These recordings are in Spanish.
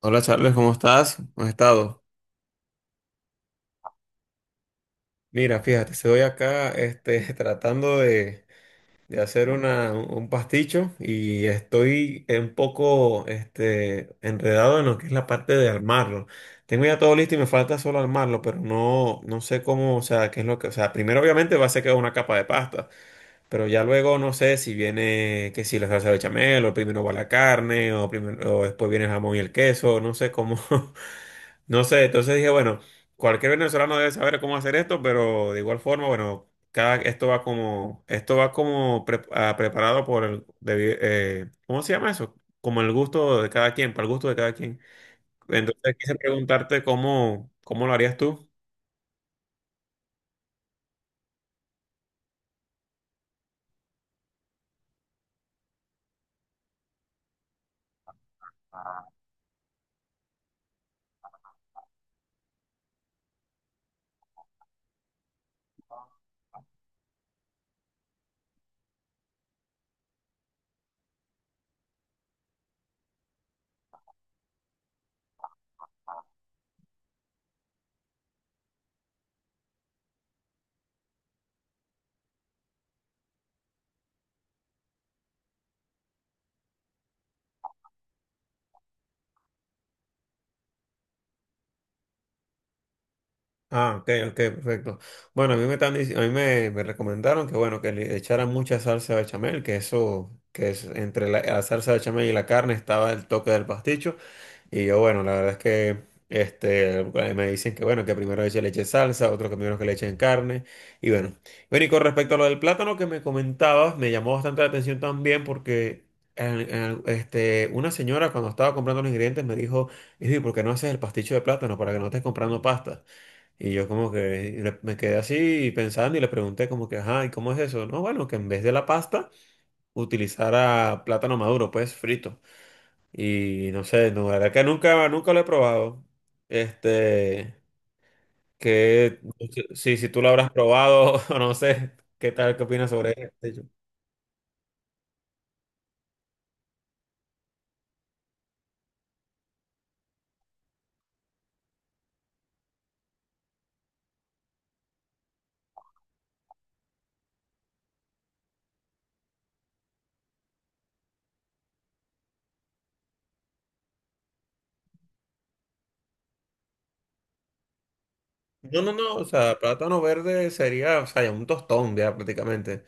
Hola Charles, ¿cómo estás? ¿Cómo has estado? Mira, fíjate, estoy acá tratando de hacer un pasticho y estoy un poco enredado en lo que es la parte de armarlo. Tengo ya todo listo y me falta solo armarlo, pero no sé cómo, o sea, qué es lo que, o sea, primero obviamente va a ser que una capa de pasta, pero ya luego no sé si viene, que si la salsa bechamel, o primero va la carne, o, primero, o después viene el jamón y el queso, no sé cómo, No sé, entonces dije, bueno, cualquier venezolano debe saber cómo hacer esto, pero de igual forma, bueno, cada, esto va como preparado por el, ¿cómo se llama eso? Como el gusto de cada quien, para el gusto de cada quien. Entonces quise preguntarte cómo, cómo lo harías tú. Ah, ok, ok, perfecto. Bueno, a mí me están a mí me recomendaron que bueno, que le echaran mucha salsa bechamel, que eso, que es entre la salsa bechamel y la carne estaba el toque del pasticho. Y yo, bueno, la verdad es que me dicen que, bueno, que primero le eche leche salsa, otros que primero que le echen carne, y bueno. Bueno, y con respecto a lo del plátano que me comentabas, me llamó bastante la atención también porque una señora cuando estaba comprando los ingredientes me dijo, "Ey, ¿por qué no haces el pasticho de plátano para que no estés comprando pasta? Y yo como que me quedé así pensando y le pregunté como que, ajá, ¿y cómo es eso? No, bueno, que en vez de la pasta utilizara plátano maduro, pues frito. Y no sé, no, la verdad que nunca, nunca lo he probado. Este, que si tú lo habrás probado, o no sé, ¿qué tal, qué opinas sobre ello? No, no, no, o sea, plátano verde sería, o sea, un tostón ya prácticamente.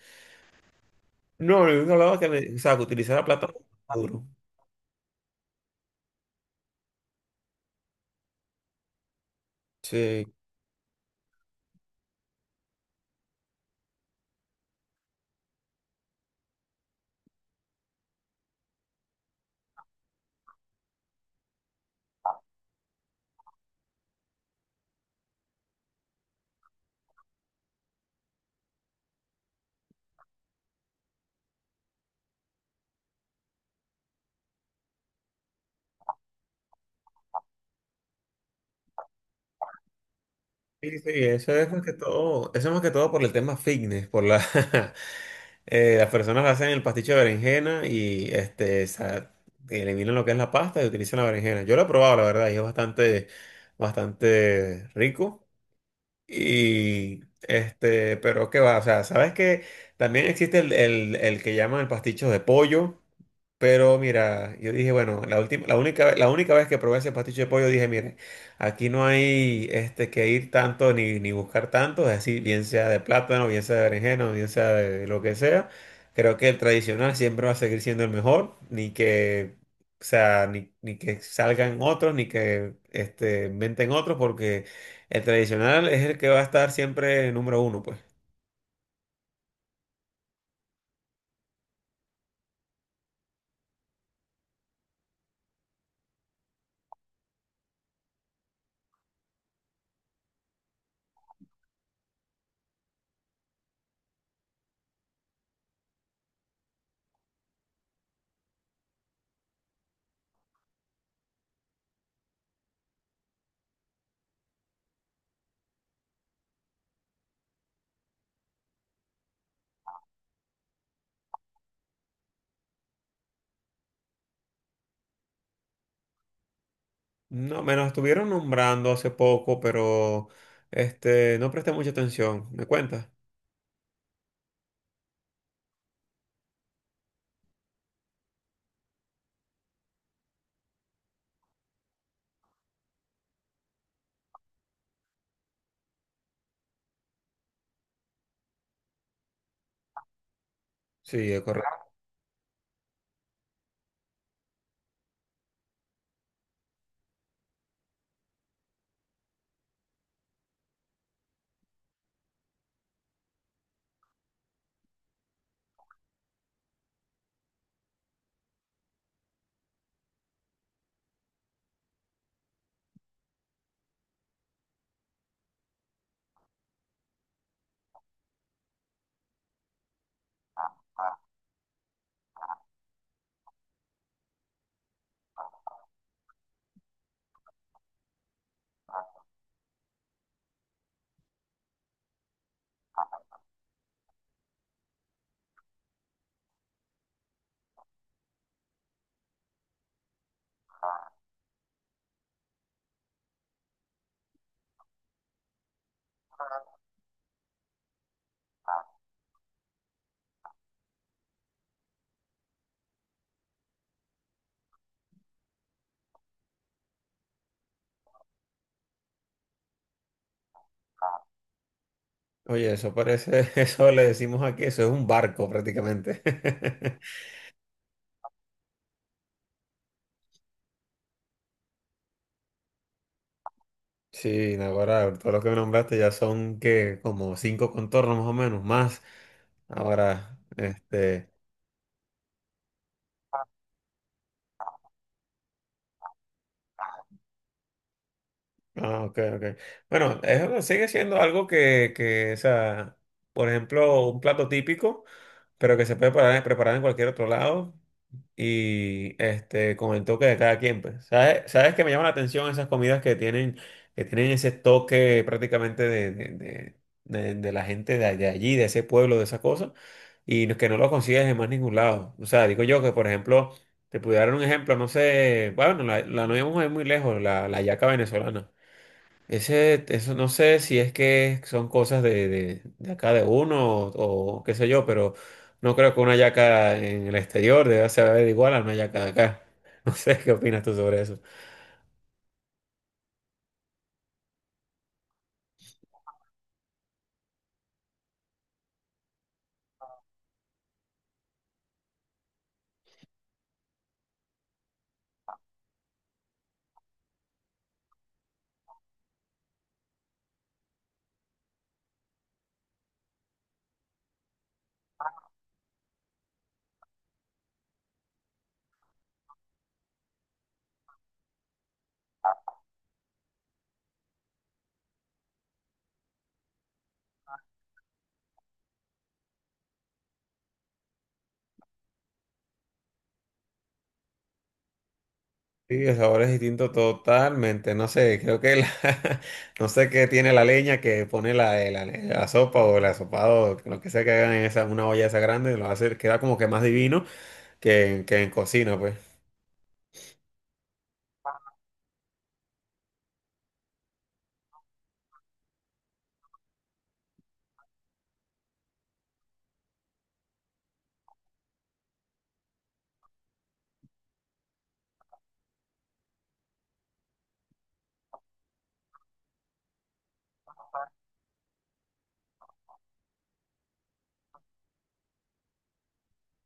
No, yo no hablaba que, o sea, que utilizara plátano maduro. Sí, sí, sí, eso es más que todo, eso es más que todo por el tema fitness, por la, las personas hacen el pasticho de berenjena y eliminan lo que es la pasta y utilizan la berenjena. Yo lo he probado, la verdad, y es bastante, bastante rico. Y este, pero qué va, o sea, sabes que también existe el que llaman el pasticho de pollo. Pero mira, yo dije, bueno, la última, la única, la única vez que probé ese pasticho de pollo, dije, mire, aquí no hay este, que ir tanto ni, ni buscar tanto, es decir, bien sea de plátano, bien sea de berenjena, bien sea de lo que sea. Creo que el tradicional siempre va a seguir siendo el mejor, ni que, o sea, ni, ni que salgan otros, ni que este, inventen otros, porque el tradicional es el que va a estar siempre número uno, pues. No, me lo estuvieron nombrando hace poco, pero este, no presté mucha atención. ¿Me cuentas? Sí, es correcto. Oye, eso parece, eso le decimos aquí, eso es un barco prácticamente. Sí, no, ahora todo lo que me nombraste ya son que como cinco contornos más o menos, más. Ahora, este, ah, ok, ok. Bueno, eso sigue siendo algo que, o sea, por ejemplo, un plato típico, pero que se puede preparar, preparar en cualquier otro lado. Y este, con el toque de cada quien, pues. ¿Sabes? ¿Sabes que me llama la atención esas comidas que tienen ese toque prácticamente de la gente de allí, de ese pueblo, de esas cosas, que no lo consigues en más ningún lado? O sea, digo yo que, por ejemplo, te pudiera dar un ejemplo, no sé, bueno, la no íbamos a ir muy lejos, la hallaca venezolana. Ese, eso no sé si es que son cosas de acá de uno o qué sé yo, pero no creo que una yaca en el exterior deba saber igual a una yaca de acá. No sé qué opinas tú sobre eso. Sí, el sabor es distinto totalmente. No sé, creo que la- no sé qué tiene la leña que pone la, la sopa o el asopado, lo que sea que hagan en esa, una olla esa grande, lo hace, queda como que más divino que en cocina, pues.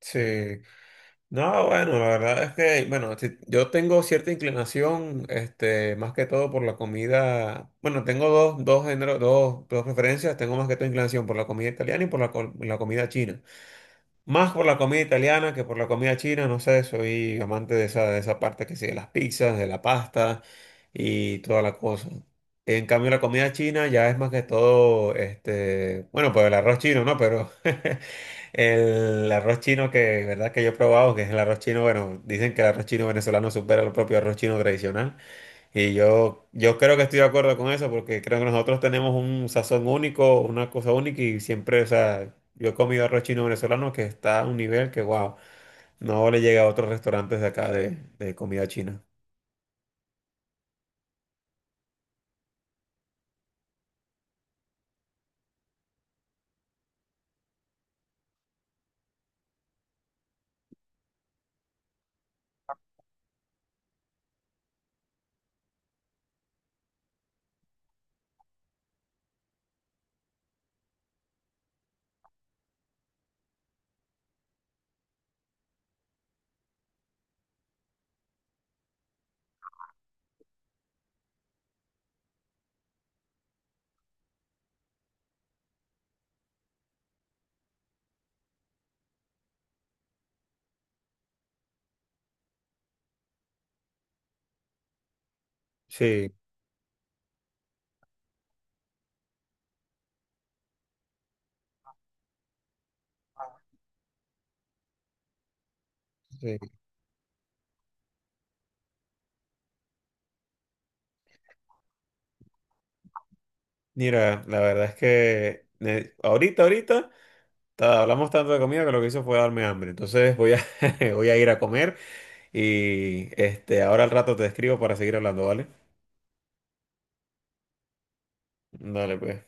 Sí. No, bueno, la verdad es que, bueno, si- yo tengo cierta inclinación, este, más que todo por la comida. Bueno, tengo dos géneros, dos preferencias. Tengo más que todo inclinación por la comida italiana y por la, la comida china. Más por la comida italiana que por la comida china, no sé, soy amante de esa parte que sí, de las pizzas, de la pasta y toda la cosa. En cambio, la comida china ya es más que todo, este, bueno, pues el arroz chino, ¿no? Pero el arroz chino que, verdad que yo he probado, que es el arroz chino, bueno, dicen que el arroz chino venezolano supera el propio arroz chino tradicional. Yo creo que estoy de acuerdo con eso, porque creo que nosotros tenemos un sazón único, una cosa única, y siempre, o sea, yo he comido arroz chino venezolano que está a un nivel que, wow, no le llega a otros restaurantes de acá de comida china. Sí, sí. Mira, la verdad es que ahorita, hablamos tanto de comida que lo que hizo fue darme hambre. Entonces voy a, voy a ir a comer. Y este, ahora al rato te escribo para seguir hablando, ¿vale? Dale, pues.